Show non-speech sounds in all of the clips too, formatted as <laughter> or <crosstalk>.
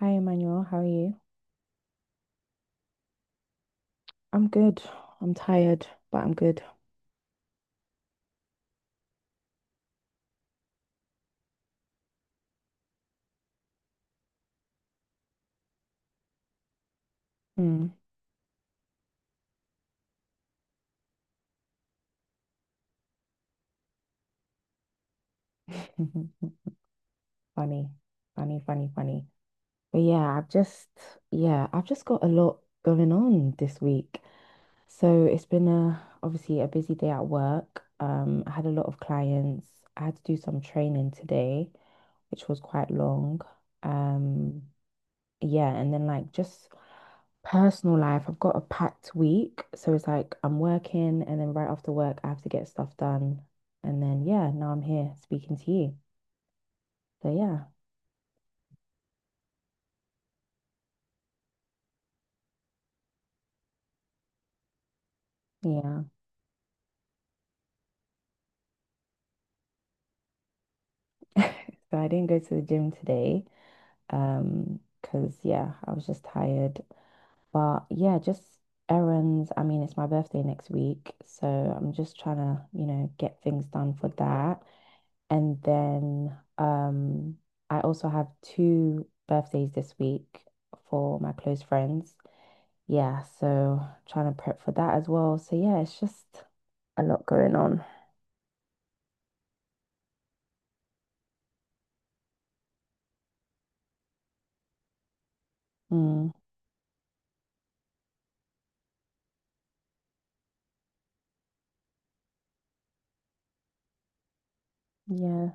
Hi, Emmanuel. How are you? I'm good. I'm tired, but I'm good. Mm. <laughs> Funny, funny, funny, funny. But yeah, I've just got a lot going on this week. So it's been obviously a busy day at work. I had a lot of clients. I had to do some training today, which was quite long. Um, yeah, and then like just personal life, I've got a packed week. So it's like I'm working and then right after work I have to get stuff done. And then yeah, now I'm here speaking to you. So yeah, yeah. <laughs> So I didn't go to the gym today. Because yeah, I was just tired. But yeah, just errands. I mean, it's my birthday next week, so I'm just trying to, get things done for that. And then I also have two birthdays this week for my close friends. Yeah, so trying to prep for that as well. So yeah, it's just a lot going on. Mm, yeah.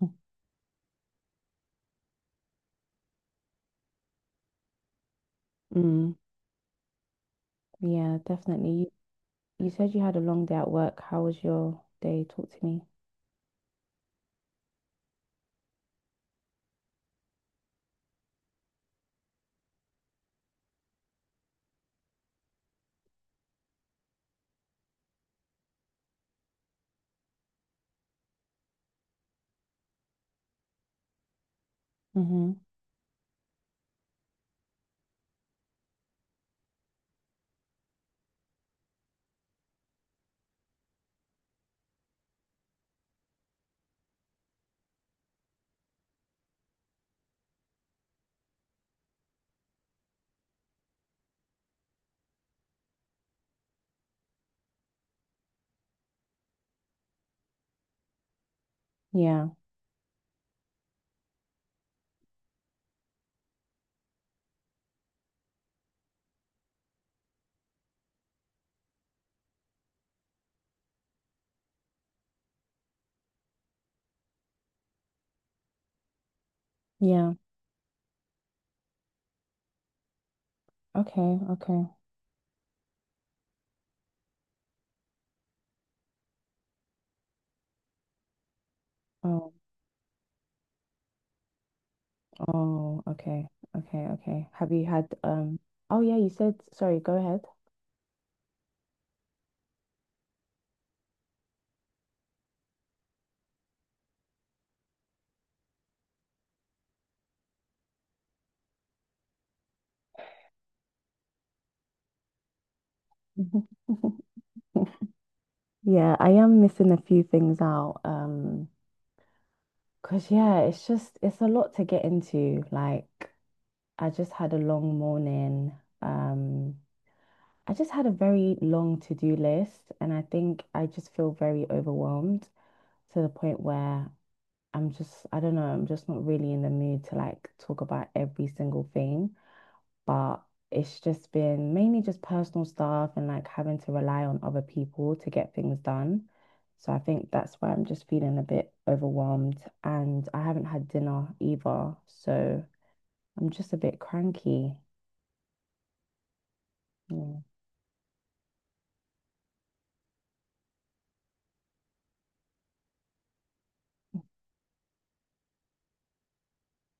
<laughs> Mm, yeah, definitely. You said you had a long day at work. How was your day? Talk to me. Mm-hmm. Yeah. Yeah. Okay. Okay. Oh. Oh. Okay. Okay. Okay. Have you had Oh yeah. You said sorry. Go ahead. <laughs> Yeah, I am missing a few things out. 'Cause yeah, it's a lot to get into. Like I just had a long morning. Um, I just had a very long to-do list and I think I just feel very overwhelmed to the point where I don't know, I'm just not really in the mood to like talk about every single thing. But it's just been mainly just personal stuff and like having to rely on other people to get things done. So I think that's why I'm just feeling a bit overwhelmed and I haven't had dinner either. So I'm just a bit cranky. Yeah.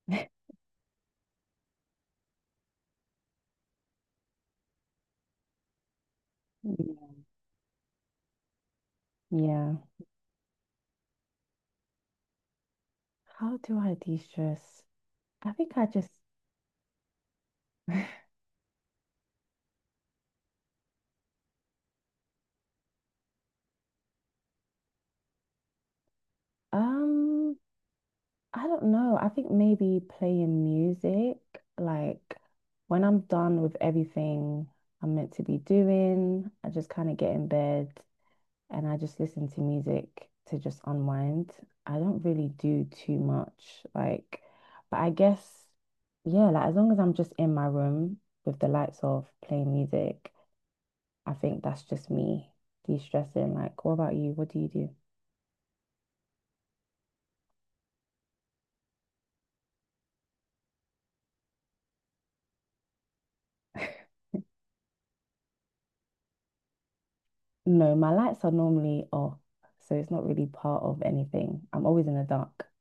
<laughs> Yeah. Yeah. How do I de-stress? I think I just um I don't know. I think maybe playing music, like when I'm done with everything I'm meant to be doing, I just kind of get in bed and I just listen to music to just unwind. I don't really do too much, like, but I guess, yeah, like as long as I'm just in my room with the lights off playing music, I think that's just me de-stressing. Like, what about you? What do you do? <laughs> No, my lights are normally off, so it's not really part of anything. I'm always in the dark.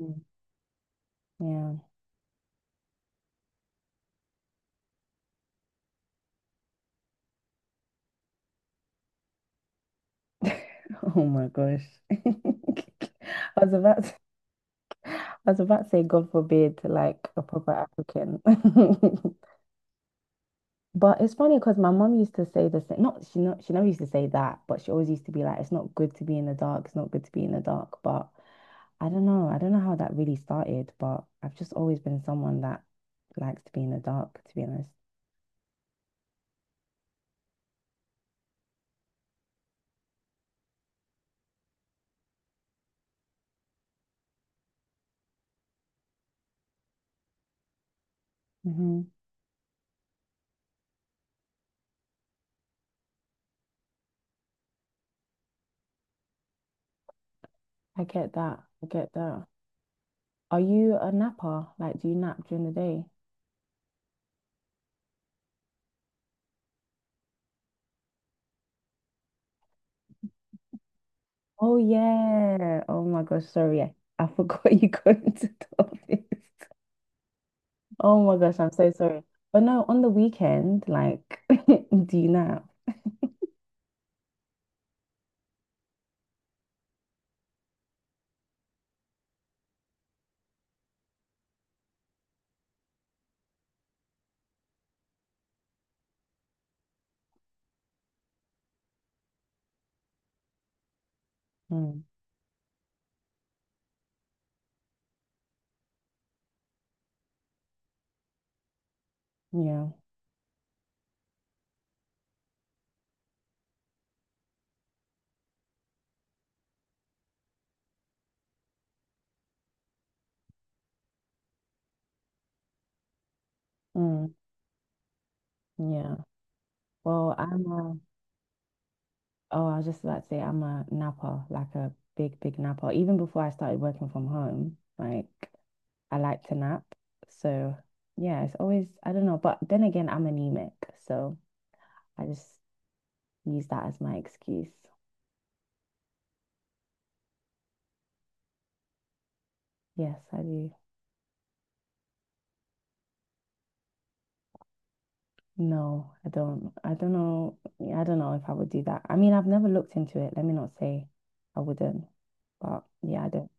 Mm. Yeah. <laughs> Oh my gosh. <laughs> I was about to say, God forbid, like a proper African. <laughs> But it's funny because my mom used to say the same. Not she never used to say that, but she always used to be like, "It's not good to be in the dark. It's not good to be in the dark." But I don't know. I don't know how that really started, but I've just always been someone that likes to be in the dark, to be honest. Hmm. I get that. I get that. Are you a napper? Like, do you nap during the day? Oh yeah. Oh my gosh. I forgot <laughs> you go into the office. Oh my gosh, I'm so sorry. But no, on the weekend, like, <laughs> do you nap? Mm, yeah. Mm, yeah. Well, I'm oh, I was just about to say I'm a napper, like a big, big napper. Even before I started working from home, like I like to nap. So yeah, it's always, I don't know. But then again, I'm anemic. So I just use that as my excuse. Yes, I do. No, I don't. I don't know. Yeah, I don't know if I would do that. I mean, I've never looked into it. Let me not say I wouldn't. But yeah, I don't.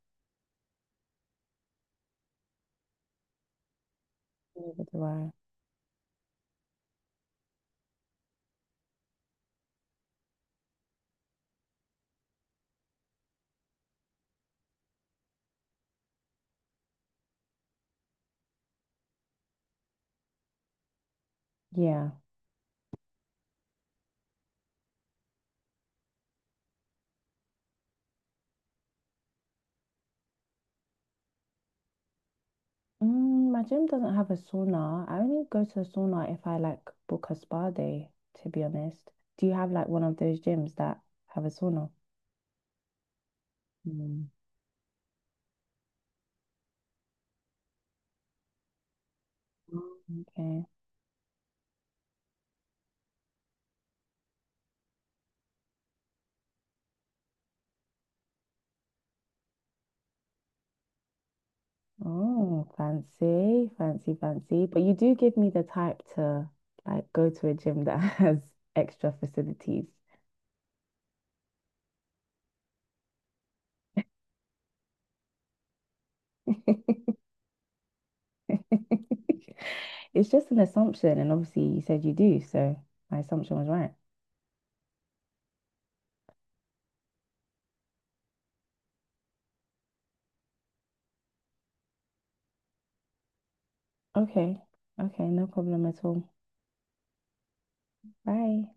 Yeah. Mm, my gym doesn't have a sauna. I only go to the sauna if I like book a spa day, to be honest. Do you have like one of those gyms that have a sauna? Mm. Okay. Oh, fancy, fancy, fancy. But you do give me the type to like go to a gym that <laughs> has extra facilities. <laughs> It's just an assumption, and obviously you said you do, so my assumption was right. Okay. Okay, no problem at all. Bye.